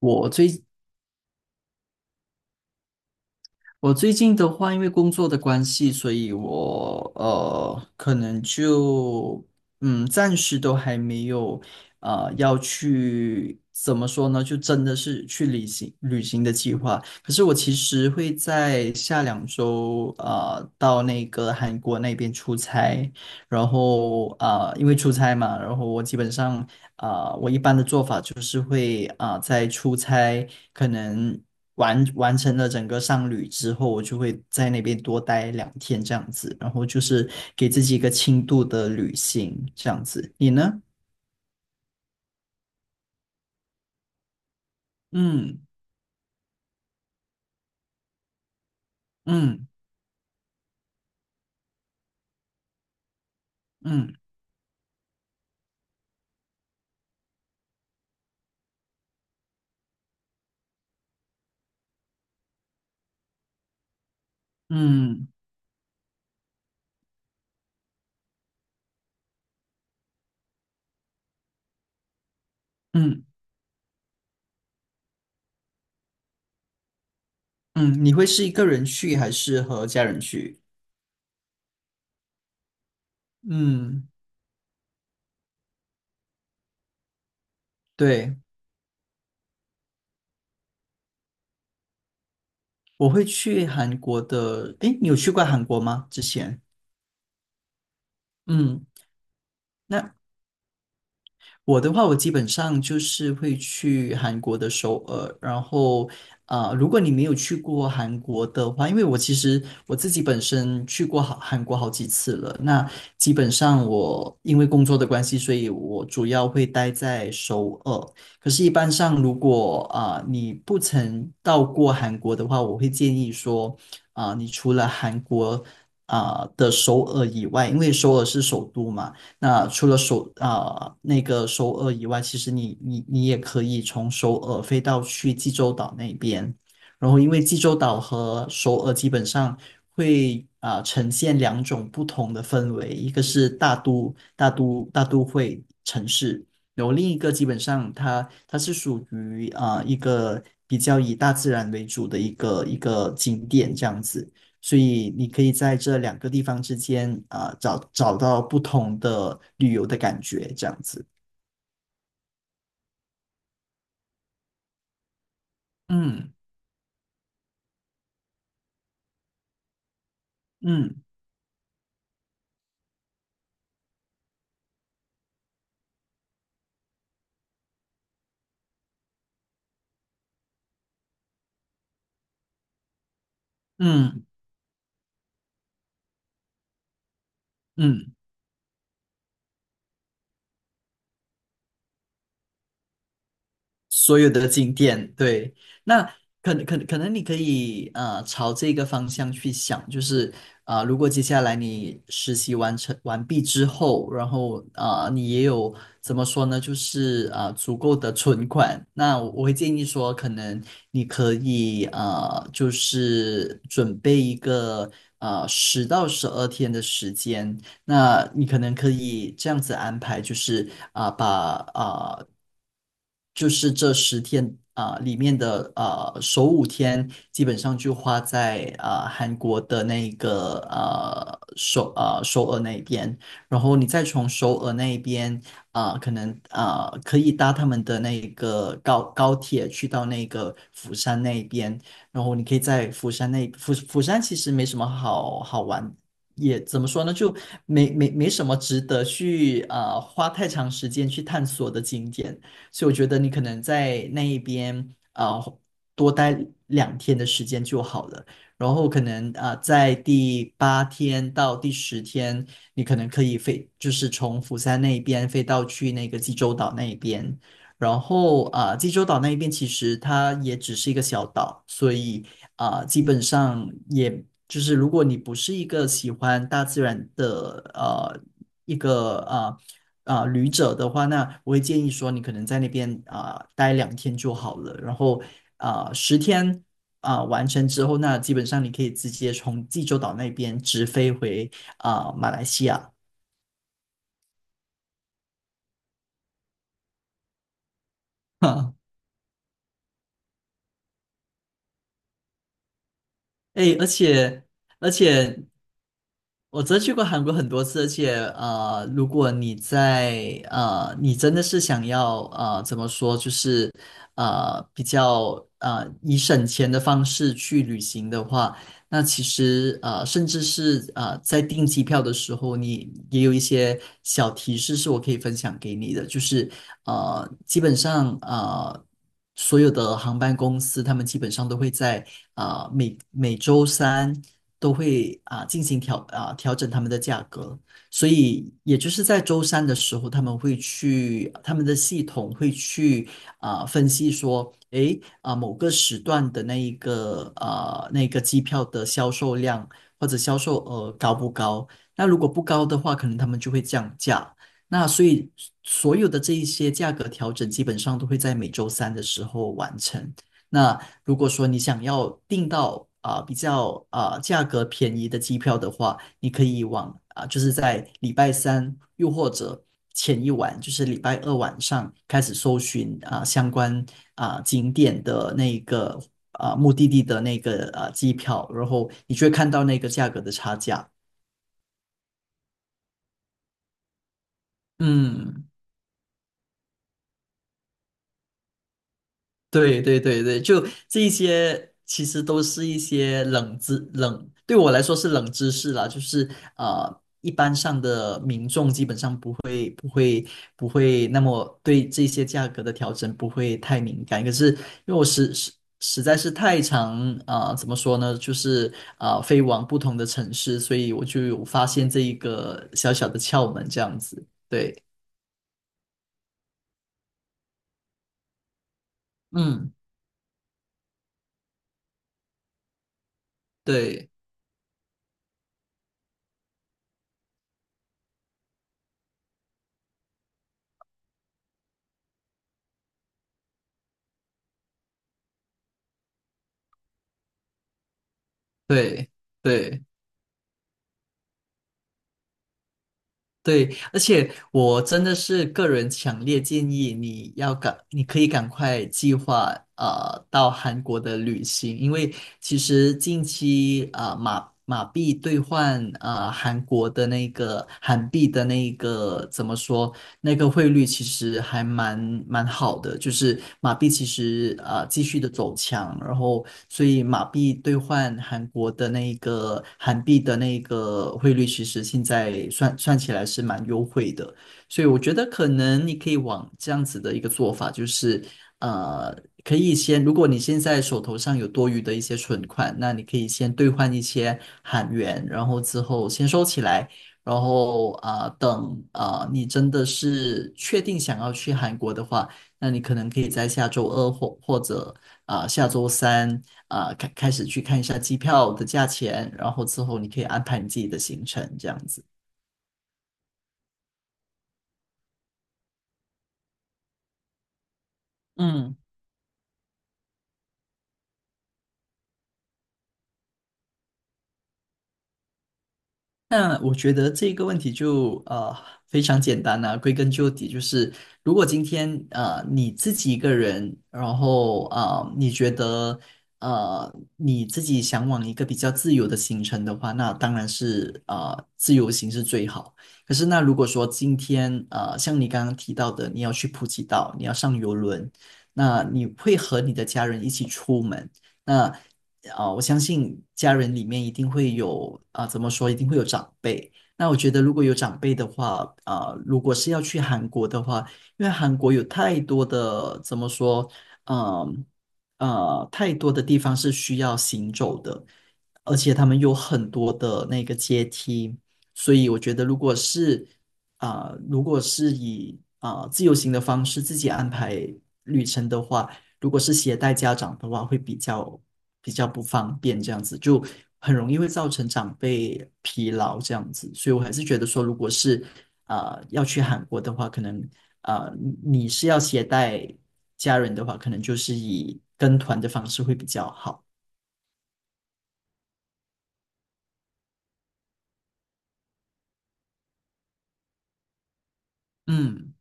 我最我最近的话，因为工作的关系，所以我可能就暂时都还没有要去怎么说呢，就真的是去旅行旅行的计划。可是我其实会在下两周到那个韩国那边出差，然后因为出差嘛，然后我基本上我一般的做法就是会在出差可能完成了整个商旅之后，我就会在那边多待两天这样子，然后就是给自己一个轻度的旅行这样子。你呢？嗯嗯嗯嗯嗯嗯，你会是一个人去还是和家人去？嗯，对，我会去韩国的。诶，你有去过韩国吗？之前？嗯。那我的话，我基本上就是会去韩国的首尔，然后如果你没有去过韩国的话，因为我其实我自己本身去过好韩国好几次了，那基本上我因为工作的关系，所以我主要会待在首尔。可是，一般上如果你不曾到过韩国的话，我会建议说你除了韩国。的首尔以外，因为首尔是首都嘛，那除了那个首尔以外，其实你也可以从首尔飞到去济州岛那边，然后因为济州岛和首尔基本上会呈现两种不同的氛围，一个是大都会城市，然后另一个基本上它是属于一个比较以大自然为主的一个景点这样子。所以你可以在这两个地方之间找到不同的旅游的感觉，这样子。嗯嗯嗯嗯。所有的景点，对，那可能你可以啊朝这个方向去想，就是如果接下来你实习完毕之后，然后你也有怎么说呢，就是足够的存款，那我会建议说，可能你可以就是准备一个十到十二天的时间。那你可能可以这样子安排，就是把啊、就是这十天里面的首五天，基本上就花在韩国的那个首尔那边，然后你再从首尔那边可能可以搭他们的那个高铁去到那个釜山那边，然后你可以在釜山其实没什么好玩也怎么说呢，就没什么值得去花太长时间去探索的景点，所以我觉得你可能在那一边多待两天的时间就好了，然后可能在第八天到第十天，你可能可以飞，就是从釜山那一边飞到去那个济州岛那一边，然后济州岛那一边其实它也只是一个小岛，所以基本上也就是如果你不是一个喜欢大自然的一个旅者的话，那我会建议说你可能在那边待两天就好了，然后十、天完成之后，那基本上你可以直接从济州岛那边直飞回马来西亚。哎，而且我真去过韩国很多次，而且如果你在你真的是想要怎么说，就是比较以省钱的方式去旅行的话，那其实甚至是在订机票的时候，你也有一些小提示是我可以分享给你的，就是基本上所有的航班公司他们基本上都会在呃每每周三都会进行调整他们的价格，所以也就是在周三的时候，他们会去他们的系统会去分析说，诶某个时段的那一个那个机票的销售量或者销售额高不高？那如果不高的话，可能他们就会降价。那所以所有的这一些价格调整，基本上都会在每周三的时候完成。那如果说你想要订到比较价格便宜的机票的话，你可以往就是在礼拜三又或者前一晚，就是礼拜二晚上开始搜寻相关景点的那个目的地的那个机票，然后你就会看到那个价格的差价。嗯。对对对对，就这一些，其实都是一些冷知冷，对我来说是冷知识啦，就是一般上的民众基本上不会那么对这些价格的调整不会太敏感，可是因为我实在是太常怎么说呢，就是飞往不同的城市，所以我就有发现这一个小小的窍门这样子，对，嗯，对对。对对，而且我真的是个人强烈建议你要赶，你可以赶快计划到韩国的旅行，因为其实近期马币兑换韩国的那个韩币的那个怎么说那个汇率其实还蛮好的，就是马币其实继续的走强，然后所以马币兑换韩国的那个韩币的那个汇率，其实现在算算起来是蛮优惠的，所以我觉得可能你可以往这样子的一个做法，就是呃可以先，如果你现在手头上有多余的一些存款，那你可以先兑换一些韩元，然后之后先收起来。然后等你真的是确定想要去韩国的话，那你可能可以在下周二或者下周三开始去看一下机票的价钱，然后之后你可以安排你自己的行程，这样子。嗯，那我觉得这个问题就非常简单了、归根究底就是，如果今天你自己一个人，然后啊你觉得你自己想往一个比较自由的行程的话，那当然是啊自由行是最好。可是那如果说今天啊像你刚刚提到的，你要去普吉岛，你要上游轮，那你会和你的家人一起出门。那我相信家人里面一定会有怎么说，一定会有长辈。那我觉得如果有长辈的话，如果是要去韩国的话，因为韩国有太多的怎么说，嗯太多的地方是需要行走的，而且他们有很多的那个阶梯，所以我觉得如果是如果是以自由行的方式自己安排旅程的话，如果是携带家长的话，会比较不方便，这样子就很容易会造成长辈疲劳这样子。所以我还是觉得说，如果是要去韩国的话，可能呃你是要携带家人的话，可能就是以跟团的方式会比较好。嗯。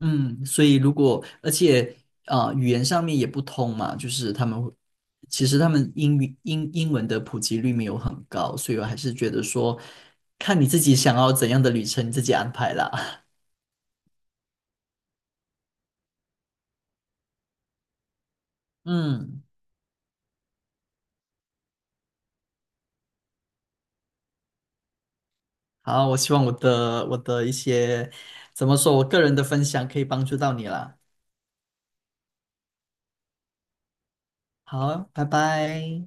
嗯，所以如果而且语言上面也不通嘛，就是他们会其实他们英语英英文的普及率没有很高，所以我还是觉得说，看你自己想要怎样的旅程，你自己安排啦。嗯，好，我希望我的一些怎么说，我个人的分享可以帮助到你啦。好，拜拜。